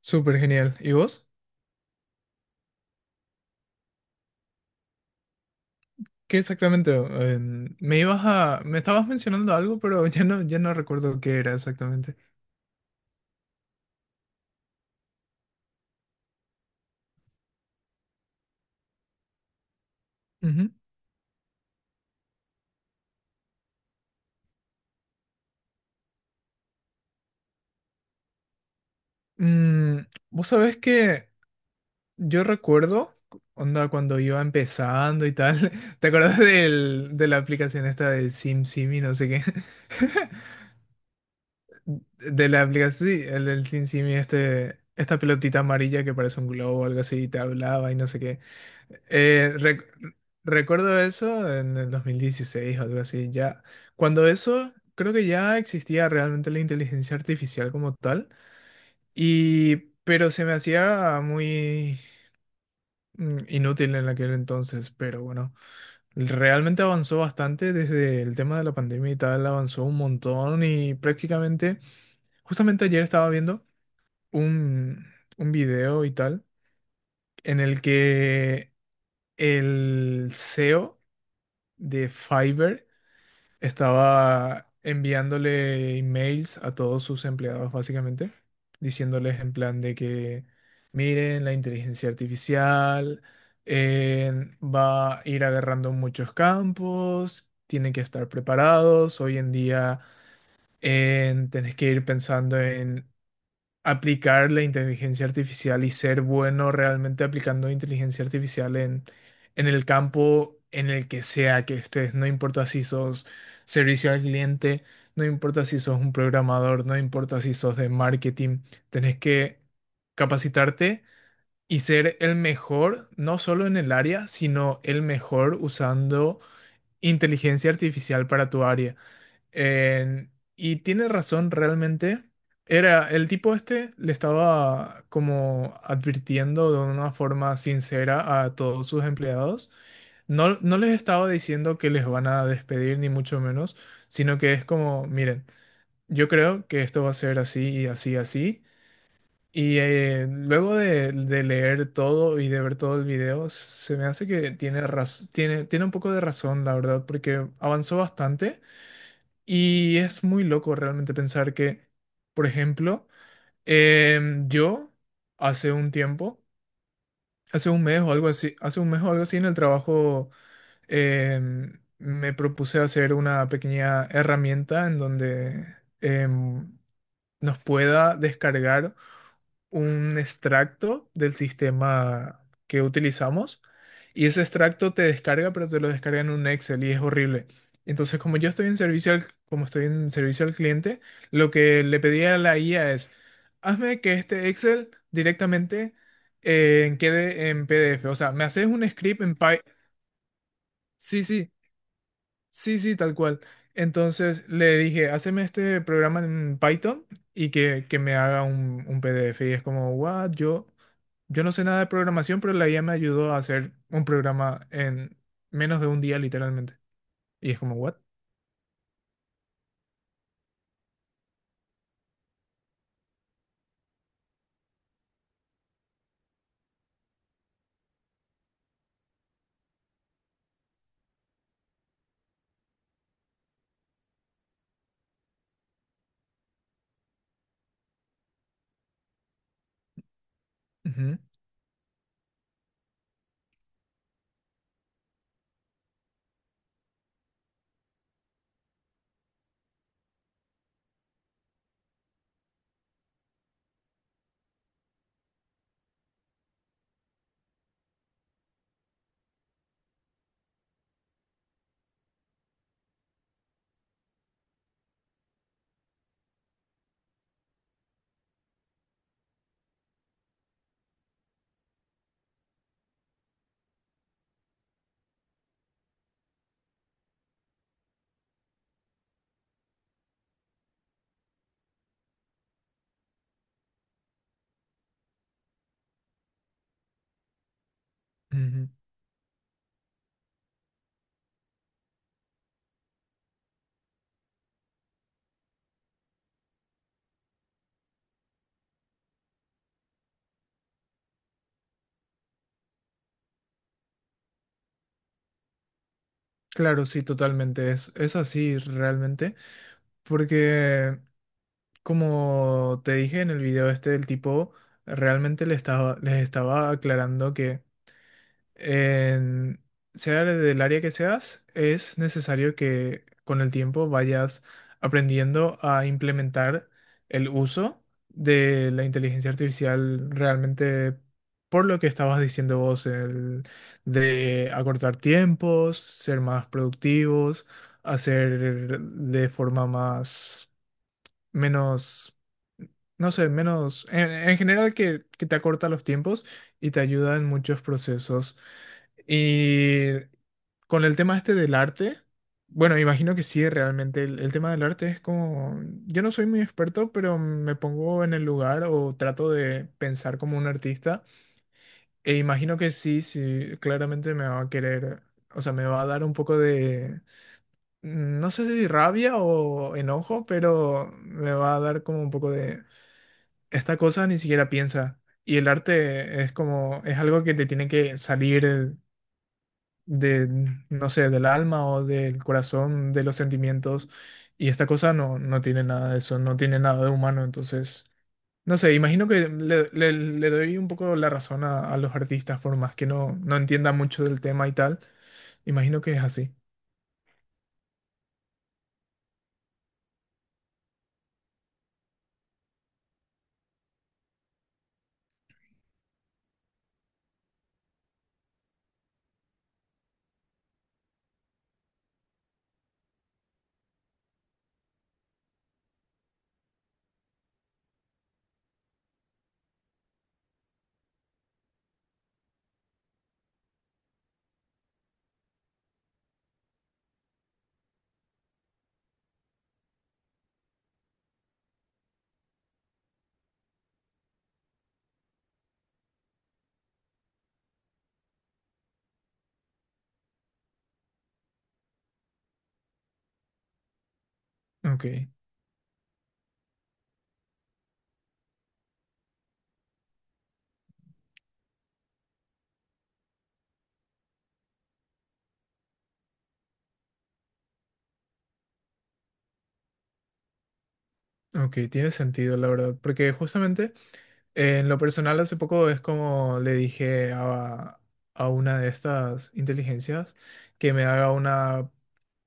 Súper genial. ¿Y vos? ¿Qué exactamente? Me estabas mencionando algo, pero ya no recuerdo qué era exactamente. Ujú. Vos sabés que yo recuerdo, onda, cuando iba empezando y tal, ¿te acordás de la aplicación esta de SimSimi, no sé qué? De la aplicación, sí, el del Sin Simi, este, esta pelotita amarilla que parece un globo o algo así, y te hablaba y no sé qué. Eh, rec- recuerdo eso en el 2016 o algo así, ya. Cuando eso, creo que ya existía realmente la inteligencia artificial como tal, y, pero se me hacía muy inútil en aquel entonces, pero bueno, realmente avanzó bastante desde el tema de la pandemia y tal, avanzó un montón y prácticamente, justamente ayer estaba viendo un, un video y tal, en el que el CEO de Fiverr estaba enviándole emails a todos sus empleados, básicamente, diciéndoles en plan de que, miren, la inteligencia artificial eh, va a ir agarrando muchos campos, tienen que estar preparados, hoy en día. Tenés que ir pensando en aplicar la inteligencia artificial y ser bueno realmente aplicando inteligencia artificial en el campo en el que sea que estés. No importa si sos servicio al cliente, no importa si sos un programador, no importa si sos de marketing, tenés que capacitarte y ser el mejor, no solo en el área, sino el mejor usando inteligencia artificial para tu área. En- y tiene razón realmente. Era, el tipo este le estaba como advirtiendo de una forma sincera a todos sus empleados. No les estaba diciendo que les van a despedir ni mucho menos, sino que es como, miren, yo creo que esto va a ser así y así, así. Y luego de leer todo y de ver todo el video, se me hace que tiene un poco de razón, la verdad, porque avanzó bastante y es muy loco realmente pensar que, por ejemplo, yo hace un tiempo, hace un mes o algo así en el trabajo me propuse hacer una pequeña herramienta en donde em, nos pueda descargar un extracto del sistema que utilizamos y ese extracto te descarga, pero te lo descarga en un Excel y es horrible. Entonces, como estoy en servicio al cliente, lo que le pedí a la IA es, hazme que este Excel directamente quede en PDF. O sea, me haces un script en Python. Sí, sí. Sí, sí, tal cual. Entonces le dije, haceme este programa en Python y que me haga un PDF. Y es como, what, yo no sé nada de programación, pero la IA me ayudó a hacer un programa en menos de un día, literalmente. Y es como, what? Ujú, ujú. Claro, sí, totalmente. Es así realmente. Porque, como te dije en el video este, el tipo realmente les estaba aclarando que en, sea del área que seas, es necesario que con el tiempo vayas aprendiendo a implementar el uso de la inteligencia artificial realmente por lo que estabas diciendo vos, el de acortar tiempos, ser más productivos, hacer de forma más, menos, no sé, menos, en general que te acorta los tiempos y te ayuda en muchos procesos. Y con el tema este del arte, bueno, me imagino que sí, realmente el tema del arte es como, yo no soy muy experto, pero me pongo en el lugar o trato de pensar como un artista e imagino que sí, sí, claramente me va a querer, o sea, me va a dar un poco de, no sé si rabia o enojo, pero me va a dar como un poco de, esta cosa ni siquiera piensa. Y el arte es como, es algo que te tiene que salir de, no sé, del alma o del corazón, de los sentimientos. Y esta cosa no, no tiene nada de eso, no tiene nada de humano. Entonces, no sé, imagino que le doy un poco la razón a los artistas, por más que no, no entienda mucho del tema y tal. Imagino que es así. Ok, ok, tiene sentido, la verdad. Porque justamente. En lo personal, hace poco es como le dije a una de estas inteligencias que me haga una,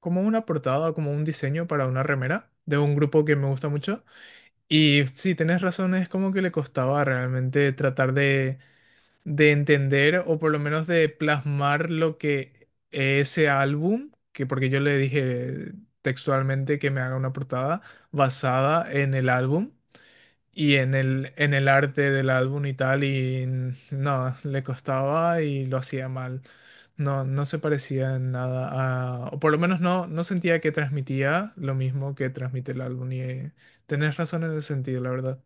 como una portada, como un diseño para una remera de un grupo que me gusta mucho. Y sí, tenés razón, es como que le costaba realmente tratar de entender o por lo menos de plasmar lo que ese álbum, que porque yo le dije textualmente que me haga una portada basada en el álbum. Y en el arte del álbum y tal, y no, le costaba y lo hacía mal. No, no se parecía en nada a, o por lo menos no, no sentía que transmitía lo mismo que transmite el álbum. Y tenés razón en ese sentido, la verdad.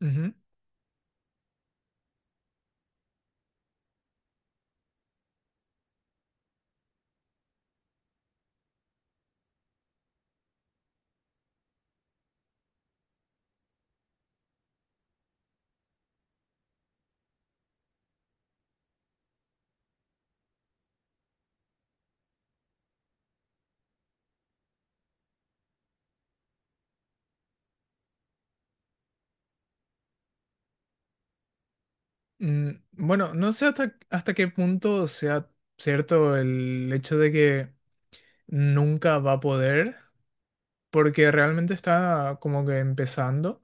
Ujú. Bueno, no sé hasta qué punto sea cierto el hecho de que nunca va a poder, porque realmente está como que empezando.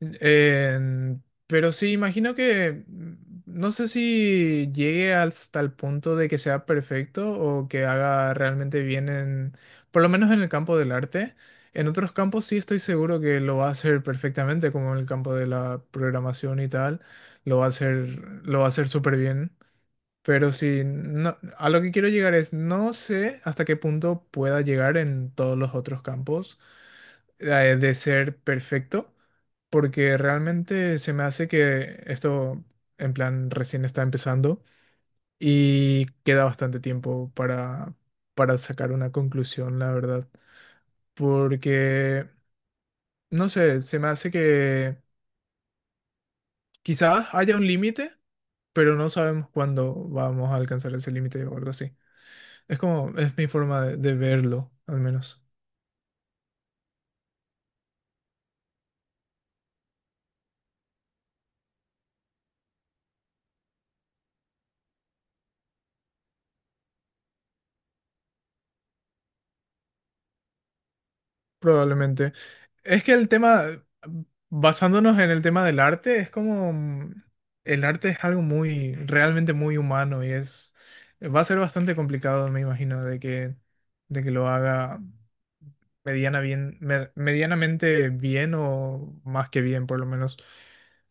Pero sí, imagino que no sé si llegue hasta el punto de que sea perfecto o que haga realmente bien en, por lo menos en el campo del arte. En otros campos sí estoy seguro que lo va a hacer perfectamente, como en el campo de la programación y tal, lo va a hacer, lo va a hacer súper bien. Pero sí, no, a lo que quiero llegar es, no sé hasta qué punto pueda llegar en todos los otros campos eh, de ser perfecto, porque realmente se me hace que esto, en plan, recién está empezando y queda bastante tiempo para sacar una conclusión, la verdad. Porque, no sé, se me hace que quizás haya un límite, pero no sabemos cuándo vamos a alcanzar ese límite o algo así. Es como, es mi forma de verlo, al menos. Probablemente. Es que el tema, basándonos en el tema del arte, es como, el arte es algo muy, realmente muy humano y es, va a ser bastante complicado, me imagino, de que lo haga. Medianamente bien o más que bien, por lo menos.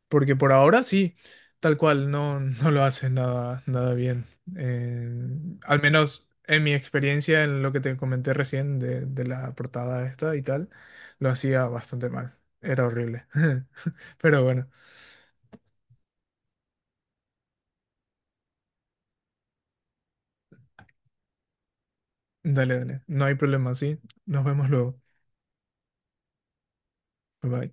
Porque por ahora sí, tal cual, no, no lo hace nada, nada bien. Eh, al menos en mi experiencia, en lo que te comenté recién de la portada esta y tal, lo hacía bastante mal. Era horrible. Pero bueno, dale, dale. No hay problema, sí. Nos vemos luego. Bye bye.